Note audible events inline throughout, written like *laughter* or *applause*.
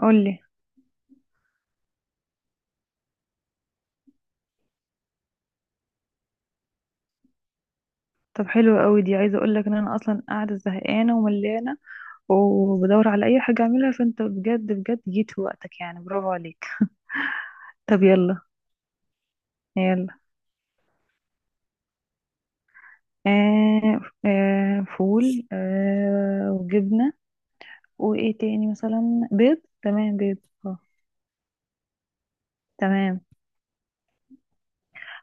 قولي. طب حلو قوي دي، عايزه اقول لك ان انا اصلا قاعده زهقانه وملانه وبدور على اي حاجه اعملها، فانت بجد بجد جيت في وقتك، يعني برافو عليك. طب يلا. يلا. آه آه فول، وجبنه، وايه تاني؟ مثلا بيض. تمام بيض. اه تمام.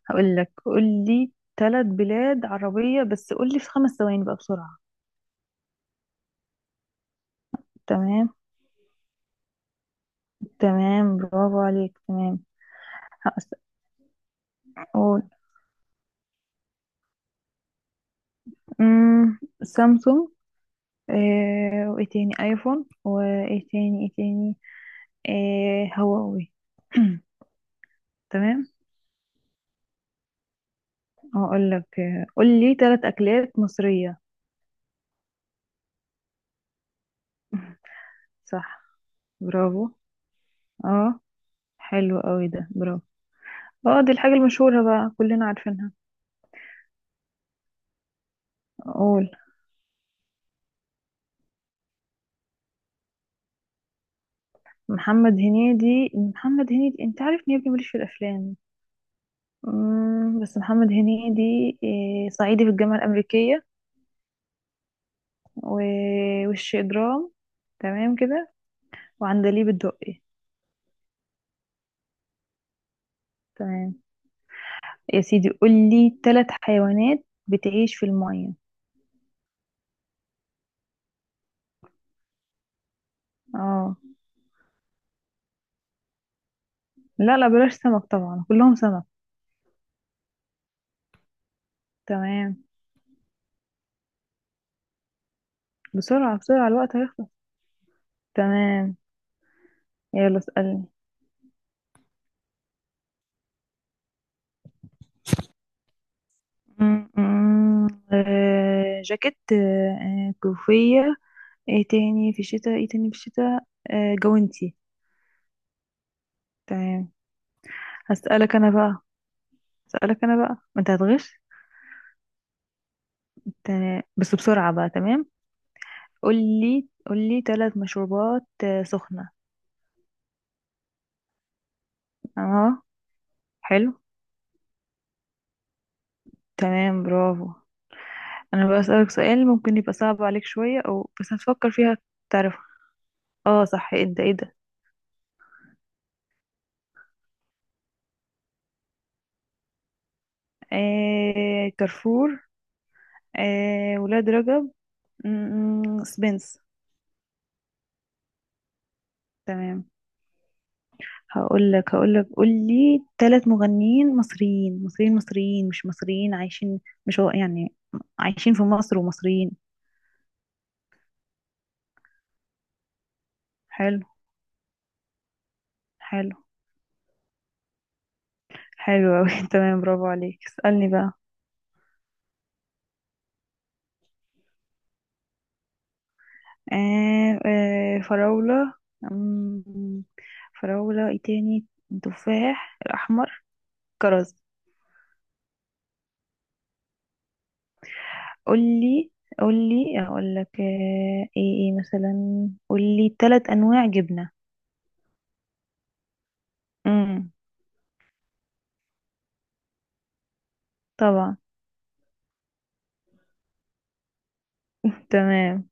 هقول لك، قولي ثلاث بلاد عربيه، بس قولي في خمس ثواني بقى بسرعه. تمام. تمام برافو عليك. تمام. هقول. سامسونج. آه وايه تاني؟ ايفون. وايه تاني؟ ايه تاني؟ آه هواوي. *clears throat* تمام. هقول لك قول لي ثلاث اكلات مصرية. *laughs* صح. برافو. اه حلو قوي ده، برافو. اه دي الحاجة المشهورة بقى، كلنا عارفينها. اقول. محمد هنيدي، انت عارف ان يا ابني ماليش في الافلام. بس محمد هنيدي. صعيدي في الجامعة الأمريكية. وش إجرام. تمام كده. وعندليب الدقي. تمام. يا سيدي قولي ثلاث حيوانات بتعيش في المية. اه لا لا بلاش سمك طبعا كلهم سمك. تمام. بسرعة بسرعة، الوقت هيخلص. تمام. يلا اسألني. م- م- جاكيت، كوفية. ايه تاني في الشتاء؟ ايه تاني في الشتاء؟ جوانتي. تمام. هسألك انا بقى. هسألك انا بقى، ما انت هتغش. تمام بس بسرعة بقى. تمام. قولي. قولي ثلاث مشروبات سخنة. اه حلو. تمام برافو. انا بسألك سؤال ممكن يبقى صعب عليك شوية، او بس هتفكر فيها. تعرفها؟ اه صح. ايه ده؟ ايه ده؟ آه كارفور. آه ولاد رجب. سبنس. تمام. هقول لك قول لي ثلاث مغنيين مصريين مصريين مصريين، مش مصريين عايشين، مش هو يعني، عايشين في مصر ومصريين. حلو. حلو. حلو أوي. *laughs* تمام برافو عليك. اسألني بقى. آه آه فراولة. مم، فراولة. ايه تاني؟ تفاح الأحمر. كرز. قولي. قولي. اقول لك، آه ايه ايه مثلا، قولي ثلاث انواع جبنة. امم طبعا. تمام.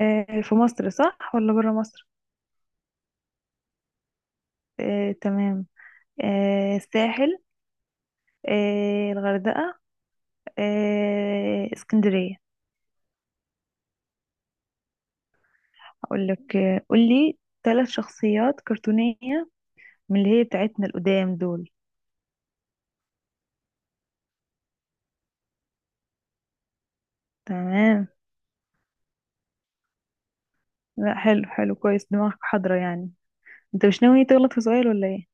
آه في مصر صح ولا برا مصر؟ آه تمام. آه الساحل. آه الغردقة. آه اسكندرية. اقول لك، قولي ثلاث شخصيات كرتونية، من اللي هي بتاعتنا القدام دول. تمام. لا حلو. حلو كويس، دماغك حاضرة يعني. انت مش ناوي تغلط في سؤال ولا ايه؟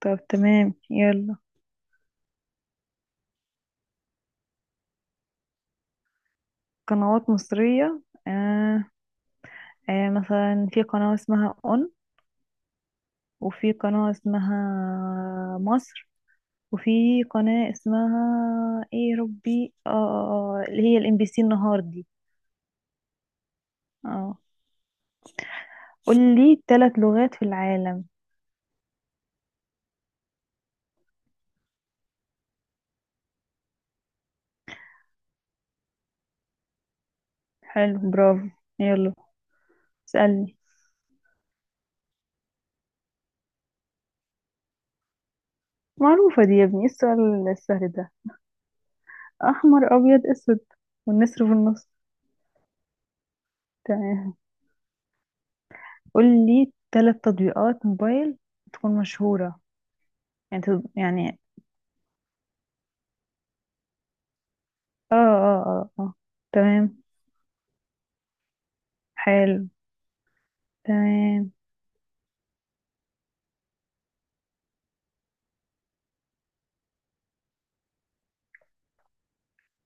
طب تمام يلا. قنوات مصرية. آه. آه مثلا في قناة اسمها اون، وفي قناة اسمها مصر، وفي قناة اسمها، ايه يا ربي؟ اه اللي هي الام بي سي، النهار دي. اه قول لي ثلاث لغات في العالم. حلو برافو. يلا اسألني. معروفة دي يا ابني، ايه السؤال السهل ده؟ احمر ابيض اسود، والنسر في النص. تمام. قول لي ثلاث تطبيقات موبايل تكون مشهورة، يعني يعني. اه اه اه اه. تمام. حلو. تمام.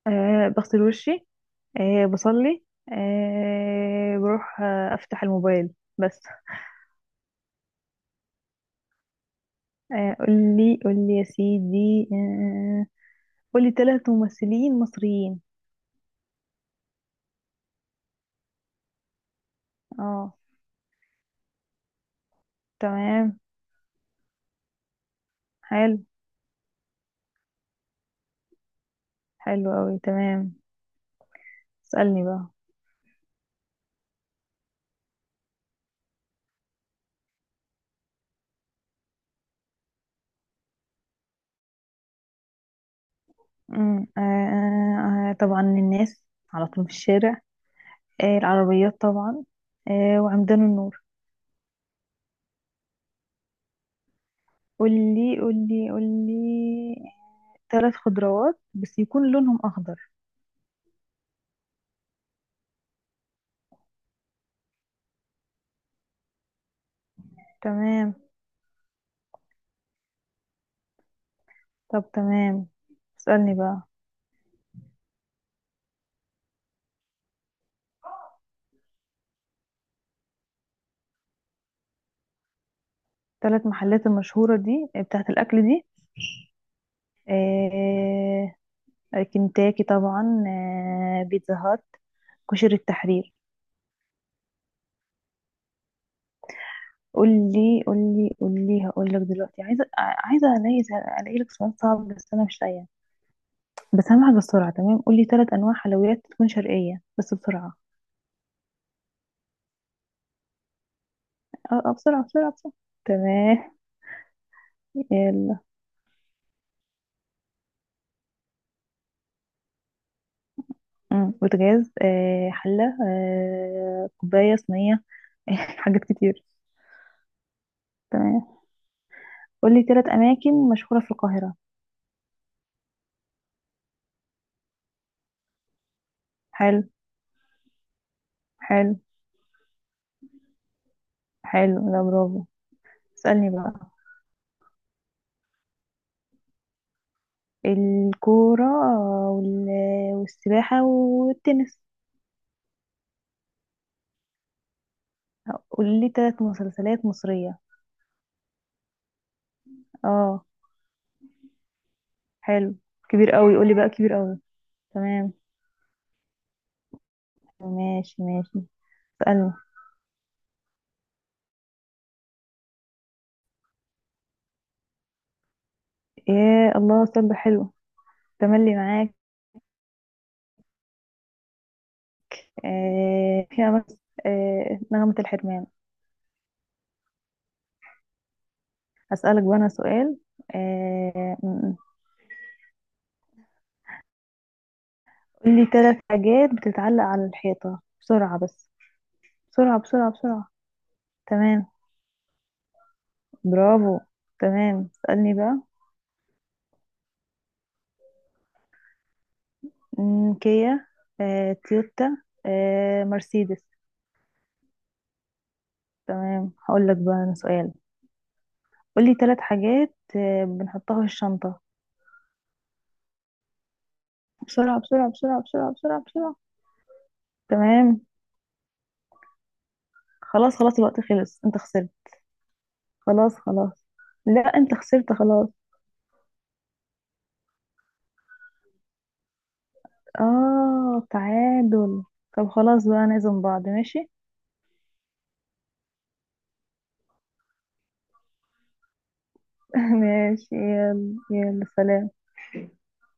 آه بغسل وشي. آه بصلي. آه بروح، افتح الموبايل. بس. قول لي، قول لي يا سيدي، قول لي ثلاث ممثلين مصريين. اه. تمام. حلو. حلو قوي. تمام. اسألني بقى. آه طبعا الناس، على طول في الشارع. آه العربيات طبعا. آه وعمدان النور. قولي. قولي. قولي ثلاث خضروات بس يكون لونهم أخضر. تمام. طب تمام. اسألني بقى. ثلاث محلات المشهورة دي، بتاعت الأكل دي. آه. كنتاكي طبعا. آه بيتزا هات. كشري التحرير. قولي. قولي. قولي. هقولك دلوقتي عايزة، عايزة ألاقي. ألاقي لك سؤال صعب بس أنا مش لاقية، بس هعمل بسرعة. تمام قولي ثلاث أنواع حلويات تكون شرقية بس بسرعة. اه اه بسرعة بسرعة بسرعة. تمام. يلا. بوتاجاز، آه حلة، آه كوباية صينية. *laughs* حاجات كتير. تمام. قولي تلات أماكن مشهورة في القاهرة. حلو. حلو. حلو لا برافو. اسألني بقى. الكورة، وال... والسباحة والتنس. قولي تلات مسلسلات مصرية. اه. حلو. كبير قوي قولي بقى، كبير قوي. تمام. ماشي ماشي. اسألني. يا الله سبة، حلو. تملي معاك. آه، فيها بس. آه، نغمة الحرمان. أسألك بقى أنا سؤال. آه، م- م. قولي ثلاث حاجات بتتعلق على الحيطة بسرعة بس. بسرعة بسرعة بسرعة. تمام. برافو. تمام. اسألني بقى. كيا، تويوتا، مرسيدس. تمام. هقول لك بقى أنا سؤال. قولي ثلاث حاجات بنحطها في الشنطة. بسرعة بسرعة بسرعة بسرعة بسرعة بسرعة. تمام. خلاص خلاص، الوقت خلص، انت خسرت. خلاص خلاص. لا انت خسرت خلاص. اه تعادل. طب خلاص بقى، نعزم بعض ماشي. *laughs* ماشي يلا يلا سلام.